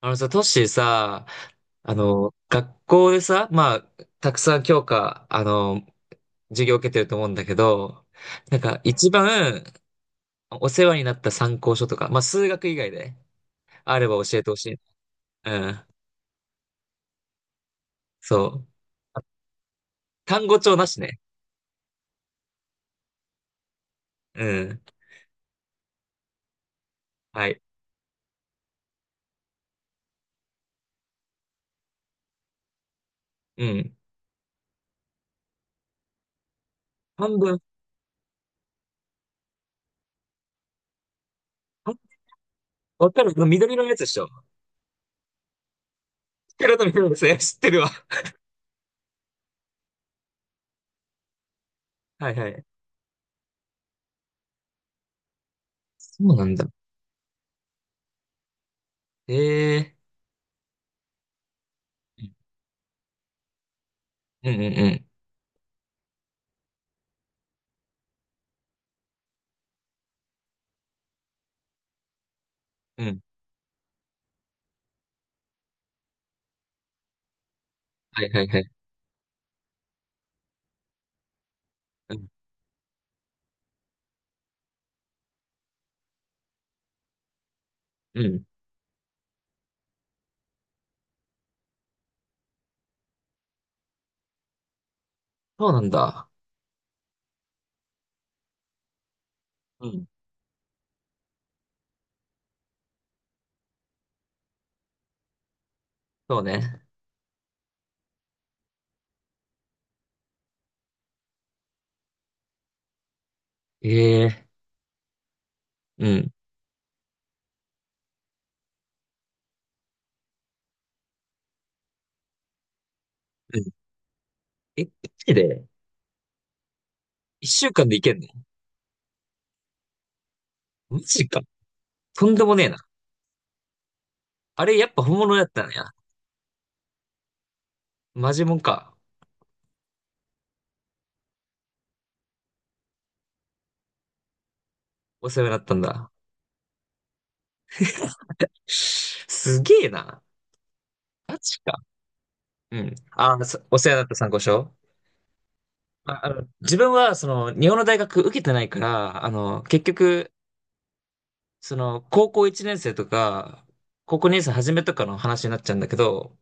あのさ、トッシーさ、学校でさ、まあ、たくさん教科、授業を受けてると思うんだけど、なんか一番お世話になった参考書とか、まあ、数学以外であれば教えてほしい。うん、そう。あ単語帳なしね。うん、はい。うん。半分、あ、わかる。緑のやつでしょ？黒と緑のやつね、知ってるわ。はいはい。そうなんだ。へえ。うんうんうん。うん。はいはいはい。うん。うん。そうなんだ。うん。そうね。ええ、うん。うん。え、マジで？一週間でいけんの？マジか。とんでもねえな。あれ、やっぱ本物だったのや。マジもんか。お世話になったんだ。すげえな。マジか。うん。あー、お世話になった参考書。あ、あの、自分は、その、日本の大学受けてないから、あの、結局、その、高校1年生とか、高校2年生初めとかの話になっちゃうんだけど、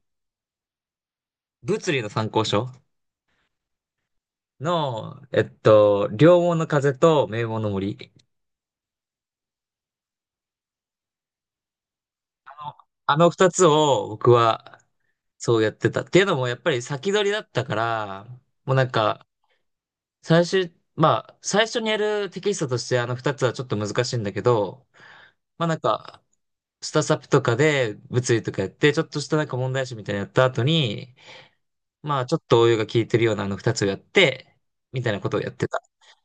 物理の参考書の、えっと、両門の風と名門の森。あの二つを僕はそうやってた。っていうのもやっぱり先取りだったから、もうなんか、最終、まあ、最初にやるテキストとしてあの二つはちょっと難しいんだけど、まあなんか、スタサプとかで物理とかやって、ちょっとしたなんか問題集みたいなのやった後に、まあちょっと応用が効いてるようなあの二つをやって、みたいなことをやってた。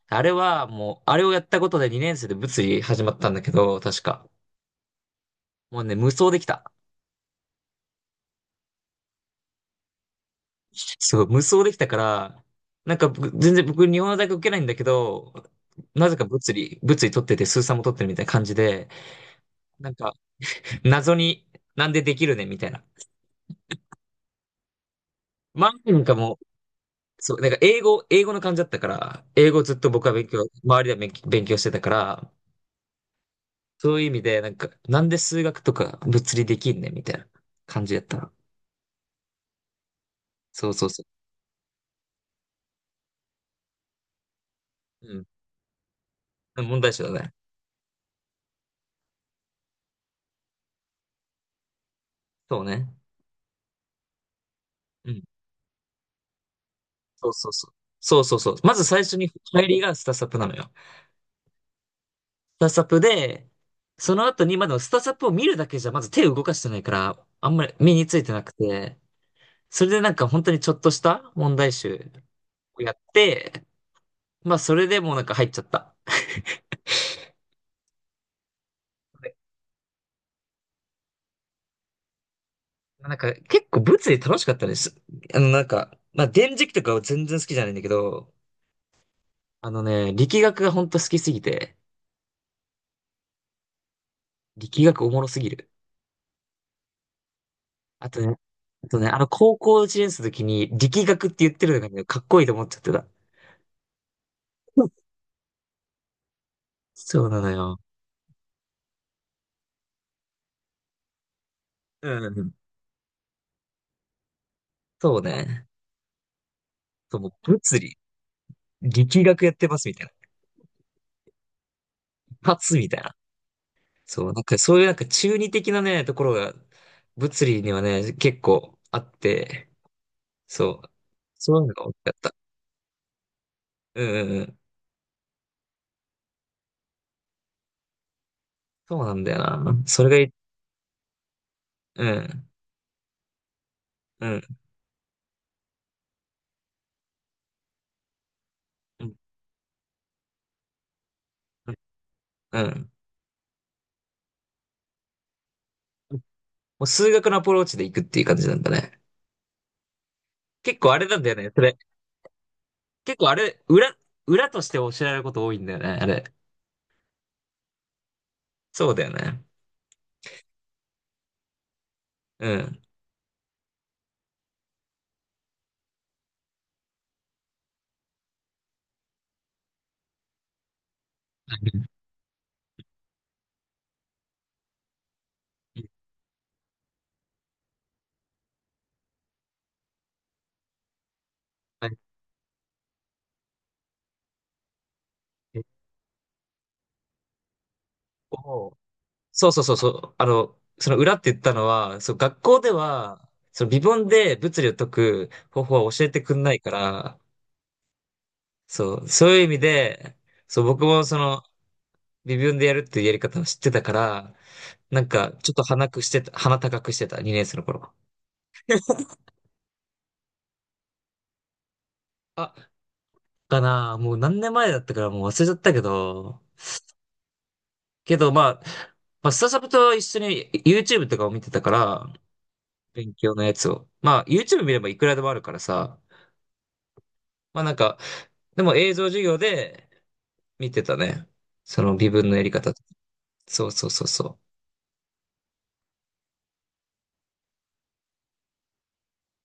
あれはもう、あれをやったことで2年生で物理始まったんだけど、確か。もうね、無双できた。そう、無双できたから、なんか僕全然日本の大学受けないんだけど、なぜか物理取ってて、数三も取ってるみたいな感じで、なんか謎になんでできるねみたいな。まあなんかもう、そう、なんか英語の感じだったから、英語ずっと僕は勉強、周りでは勉強勉強してたから、そういう意味で、なんか、なんで数学とか物理できんねみたいな感じやったら。そうそうそう。うん。問題集だね。そうね。うん。そうそうそう。そうそうそう。まず最初に入りがスタサプなのよ。スタサプで、その後に、まだスタサプを見るだけじゃ、まず手を動かしてないから、あんまり身についてなくて、それでなんか本当にちょっとした問題集をやって、まあそれでもうなんか入っちゃった。で、なんか結構物理楽しかったです。あのなんか、まあ電磁気とかは全然好きじゃないんだけど、あのね、力学が本当好きすぎて、力学おもろすぎる。あとね、あとね、あの、高校1年生の時に力学って言ってるのがね、かっこいいと思っちゃってた。そうなのよ。うん。そうね。そう、もう物理、力学やってますみたいな。一発みたいな。そう、なんかそういうなんか中二的なね、ところが、物理にはね、結構あって、そう。そういうのが大きかった。うんうんうん。そうなんだよな。それがい、うん、うん、うん、うん。うん。もう数学のアプローチでいくっていう感じなんだね。結構あれなんだよね。それ結構あれ、裏として教えられること多いんだよね、あれ。そうだよね。うん。はい。結構、そうそうそうそう。あの、その裏って言ったのは、そう、学校では、その微分で物理を解く方法は教えてくんないから、そう、そういう意味で、そう、僕もその、微分でやるっていうやり方を知ってたから、なんか、ちょっと鼻高くしてた、2年生の頃。あ、かな、もう何年前だったからもう忘れちゃったけど、けど、まあ、スタジャブと一緒に YouTube とかを見てたから、勉強のやつを。まあ、YouTube 見ればいくらでもあるからさ。まあなんか、でも映像授業で見てたね。その微分のやり方とか。そうそうそうそ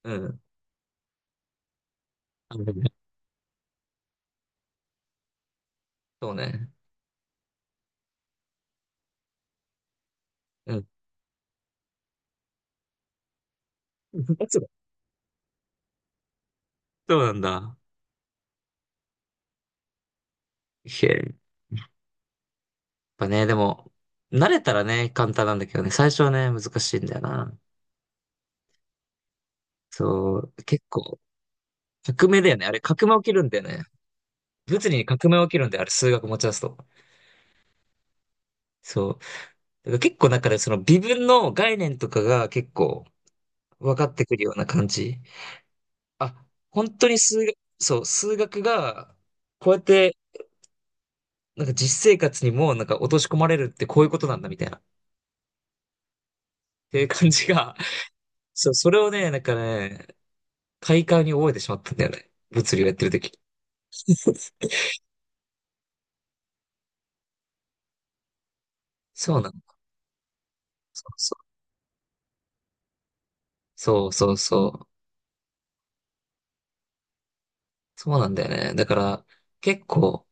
う。うん。あるね。そうね。うん。そうそうなんだ。へえ。やっぱね、でも、慣れたらね、簡単なんだけどね、最初はね、難しいんだよな。そう、結構、革命だよね。あれ、革命起きるんだよね。物理に革命起きるんだよ、あれ、数学持ち出すと。そう。だから結構なんかね、その微分の概念とかが結構分かってくるような感じ。あ、本当に数学、そう、数学がこうやってなんか実生活にもなんか落とし込まれるってこういうことなんだみたいな。っていう感じが、そう、それをね、なんかね、快感に覚えてしまったんだよね。物理をやってる時。そうなの。そうそう。そうそうそう。そうなんだよね。だから、結構、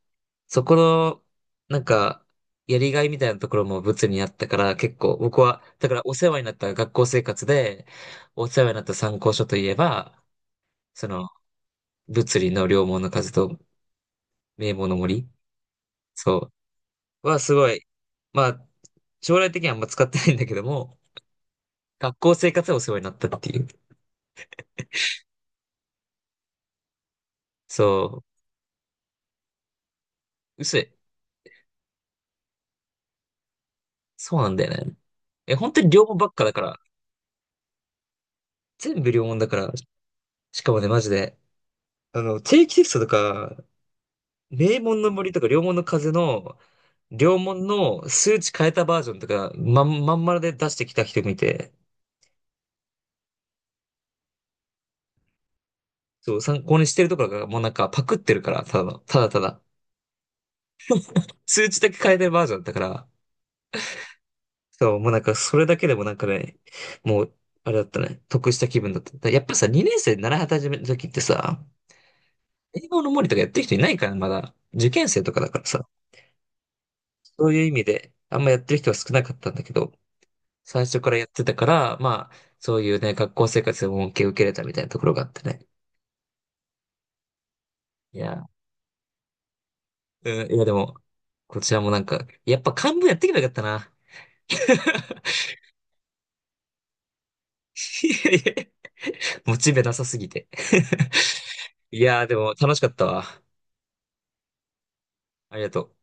そこの、なんか、やりがいみたいなところも物理にあったから、結構僕は、だからお世話になった学校生活で、お世話になった参考書といえば、その、物理の良門の数と名簿の森、そう、はすごい、まあ、将来的にはあんま使ってないんだけども、学校生活でお世話になったっていう。そう、薄い。そうなんだよね。え、本当に良門ばっかだから、全部良門だから、しかもね、マジで、あの、定期テストとか、名門の森とか、良門の風の、良門の数値変えたバージョンとか、まん丸で出してきた人見て、そう、参考にしてるとかが、もうなんかパクってるから、ただの、ただただ、数値だけ変えてるバージョンだったから、そう、もうなんかそれだけでもなんかね、もう、あれだったね、得した気分だった。だやっぱさ、2年生で習い始めた時ってさ、英語の森とかやってる人いないから、まだ。受験生とかだからさ、そういう意味で、あんまやってる人は少なかったんだけど、最初からやってたから、まあ、そういうね、学校生活でも恩恵を受けれたみたいなところがあってね。いや、うん、いやでも、こちらもなんか、やっぱ漢文やってけばよかったな。いやいや、モチベなさすぎて。いや、でも楽しかったわ。ありがとう。